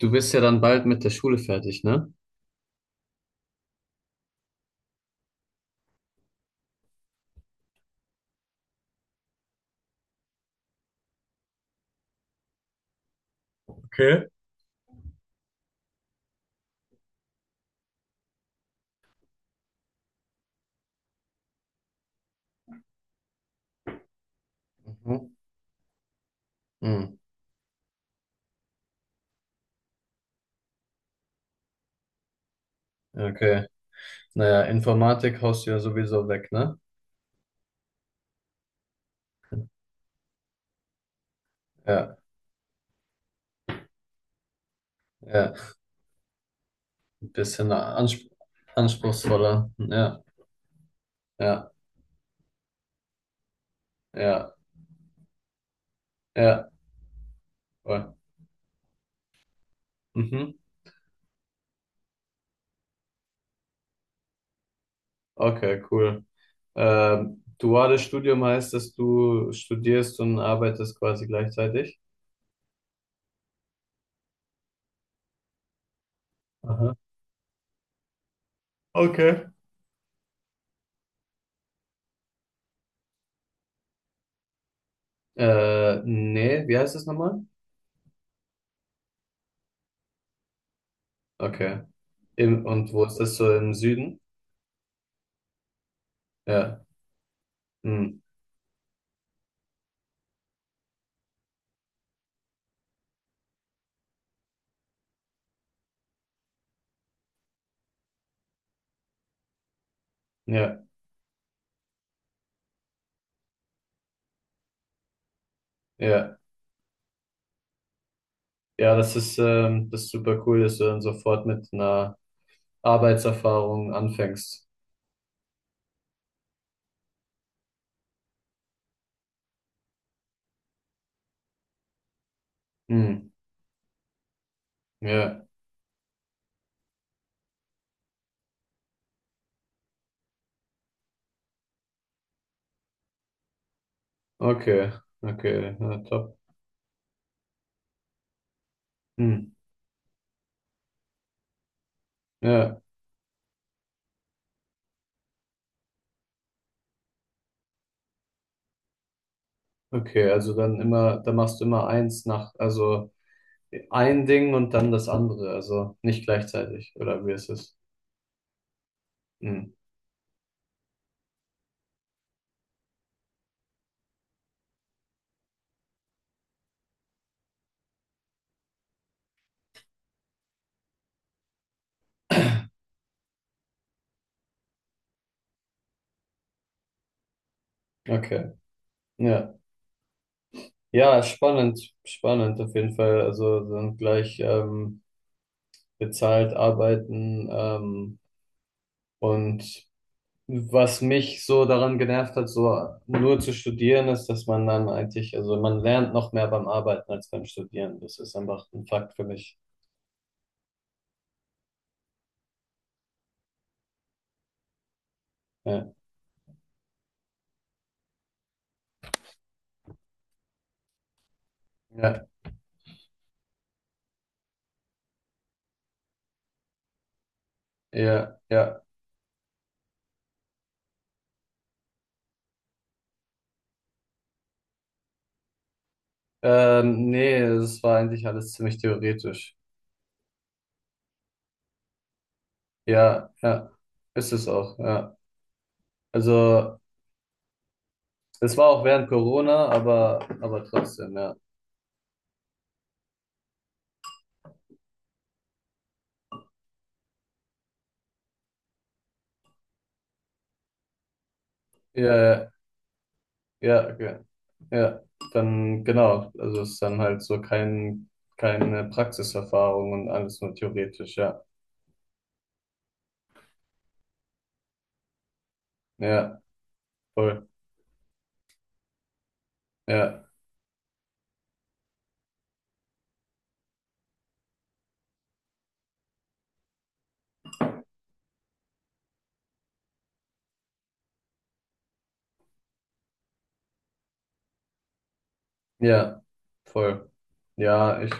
Du bist ja dann bald mit der Schule fertig, ne? Okay. Mhm. Hm, okay. Naja, Informatik haust du ja sowieso weg, ne? Ja, ja. Ein bisschen ans anspruchsvoller. Ja, ja, ja, ja. Voll. Mhm. Okay, cool. Duales Studium heißt, dass du studierst und arbeitest quasi gleichzeitig? Aha. Okay. Nee, wie heißt das nochmal? Okay. Im, und wo ist das so im Süden? Ja. Hm. Ja. Ja. Ja, das ist super cool, dass du dann sofort mit einer Arbeitserfahrung anfängst. Hm, ja, okay, okay, ja, top. Hm, ja, okay, also dann immer, dann machst du immer eins nach, also ein Ding und dann das andere, also nicht gleichzeitig, oder wie ist es? Hm, okay, ja. Ja, spannend, spannend auf jeden Fall. Also dann gleich, bezahlt arbeiten. Und was mich so daran genervt hat, so nur zu studieren, ist, dass man dann eigentlich, also man lernt noch mehr beim Arbeiten als beim Studieren. Das ist einfach ein Fakt für mich. Ja, ja, ja, ja. Nee, es war eigentlich alles ziemlich theoretisch. Ja, ja, ist es auch, ja. Also, es war auch während Corona, aber trotzdem, ja. Ja, ja, ja, ja, ja. Dann, genau, also es ist dann halt so kein, keine Praxiserfahrung und alles nur theoretisch, ja. Ja, voll. Ja, ja, voll. Ja, ich,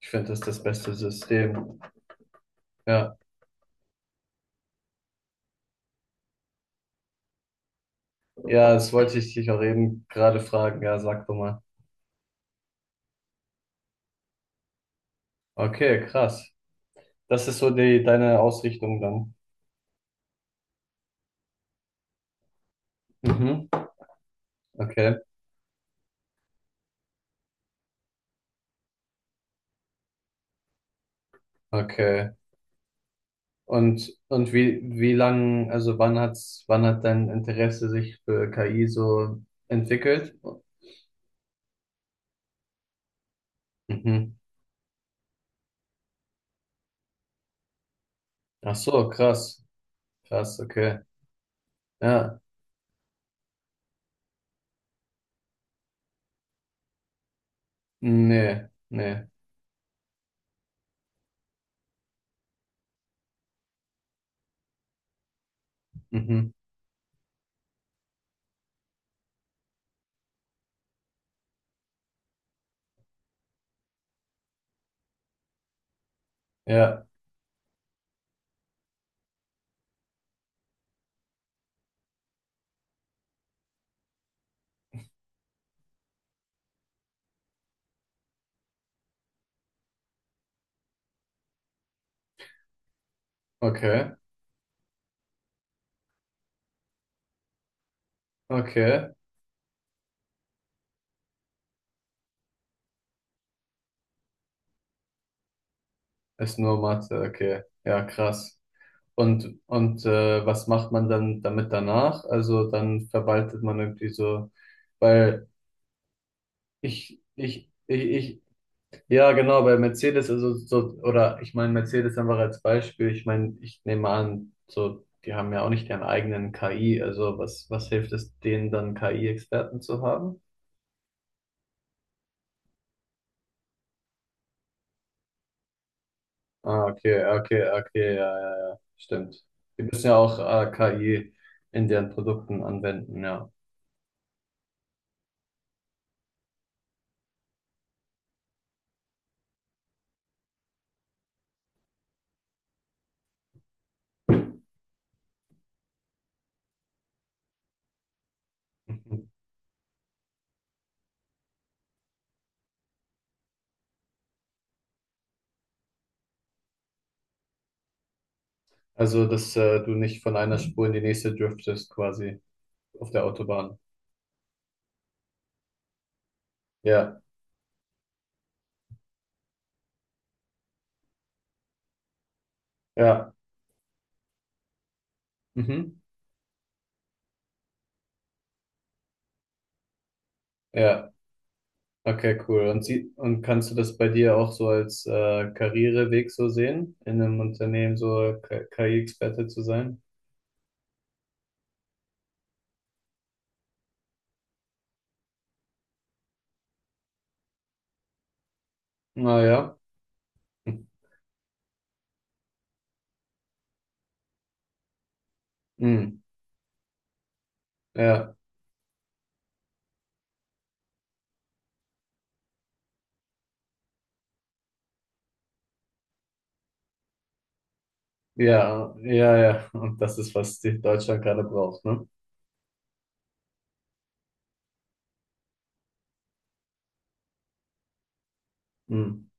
ich finde das das beste System. Ja, ja, das wollte ich dich auch eben gerade fragen. Ja, sag doch mal. Okay, krass. Das ist so die, deine Ausrichtung dann. Mhm. Okay, okay. Und wie, wie lang, also wann hat's, wann hat dein Interesse sich für KI so entwickelt? Mhm. Ach so, krass. Krass, okay. Ja, nee, nee. Mhm. Ja, okay. Okay, ist nur Mathe, okay. Ja, krass. Und was macht man dann damit danach? Also dann verwaltet man irgendwie so, weil ich, ich, ich, ich, ja genau, bei Mercedes, also so, oder ich meine Mercedes einfach als Beispiel, ich meine, ich nehme an, so, die haben ja auch nicht ihren eigenen KI, also was, was hilft es denen dann KI-Experten zu haben? Ah, okay, okay, okay, ja, ja, ja, stimmt. Die müssen ja auch KI in deren Produkten anwenden, ja. Mhm. Also, dass du nicht von einer Spur in die nächste driftest, quasi auf der Autobahn. Ja, ja, mhm. Ja, okay, cool. Und, sie, und kannst du das bei dir auch so als Karriereweg so sehen, in einem Unternehmen so KI-Experte zu sein? Naja, mhm. Ja, ja, ja, ja. Und das ist, was die Deutschland gerade braucht, ne? Mhm.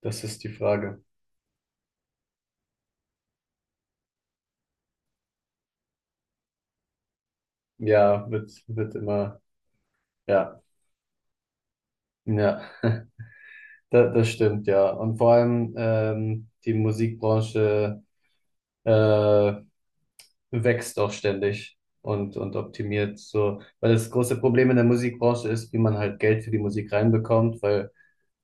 Das ist die Frage. Ja, wird, wird immer, ja, ja, das, das stimmt, ja. Und vor allem die Musikbranche äh, wächst auch ständig und optimiert so. Weil das große Problem in der Musikbranche ist, wie man halt Geld für die Musik reinbekommt, weil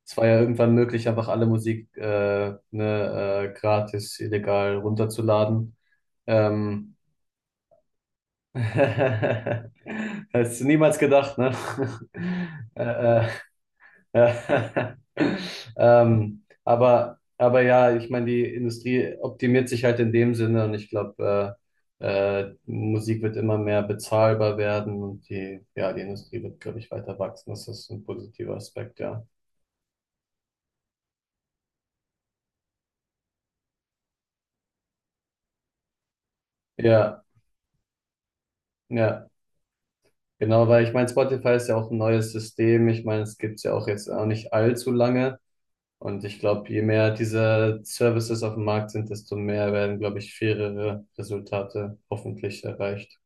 es war ja irgendwann möglich, einfach alle Musik, ne, gratis, illegal runterzuladen. Ähm, hast du niemals gedacht, ne? äh, äh, Ja. Aber ja, ich meine, die Industrie optimiert sich halt in dem Sinne und ich glaube, Musik wird immer mehr bezahlbar werden und die, ja, die Industrie wird, glaube ich, weiter wachsen. Das ist ein positiver Aspekt, ja. Ja, ja, genau, weil ich meine, Spotify ist ja auch ein neues System. Ich meine, es gibt's ja auch jetzt auch nicht allzu lange. Und ich glaube, je mehr diese Services auf dem Markt sind, desto mehr werden, glaube ich, fairere Resultate hoffentlich erreicht.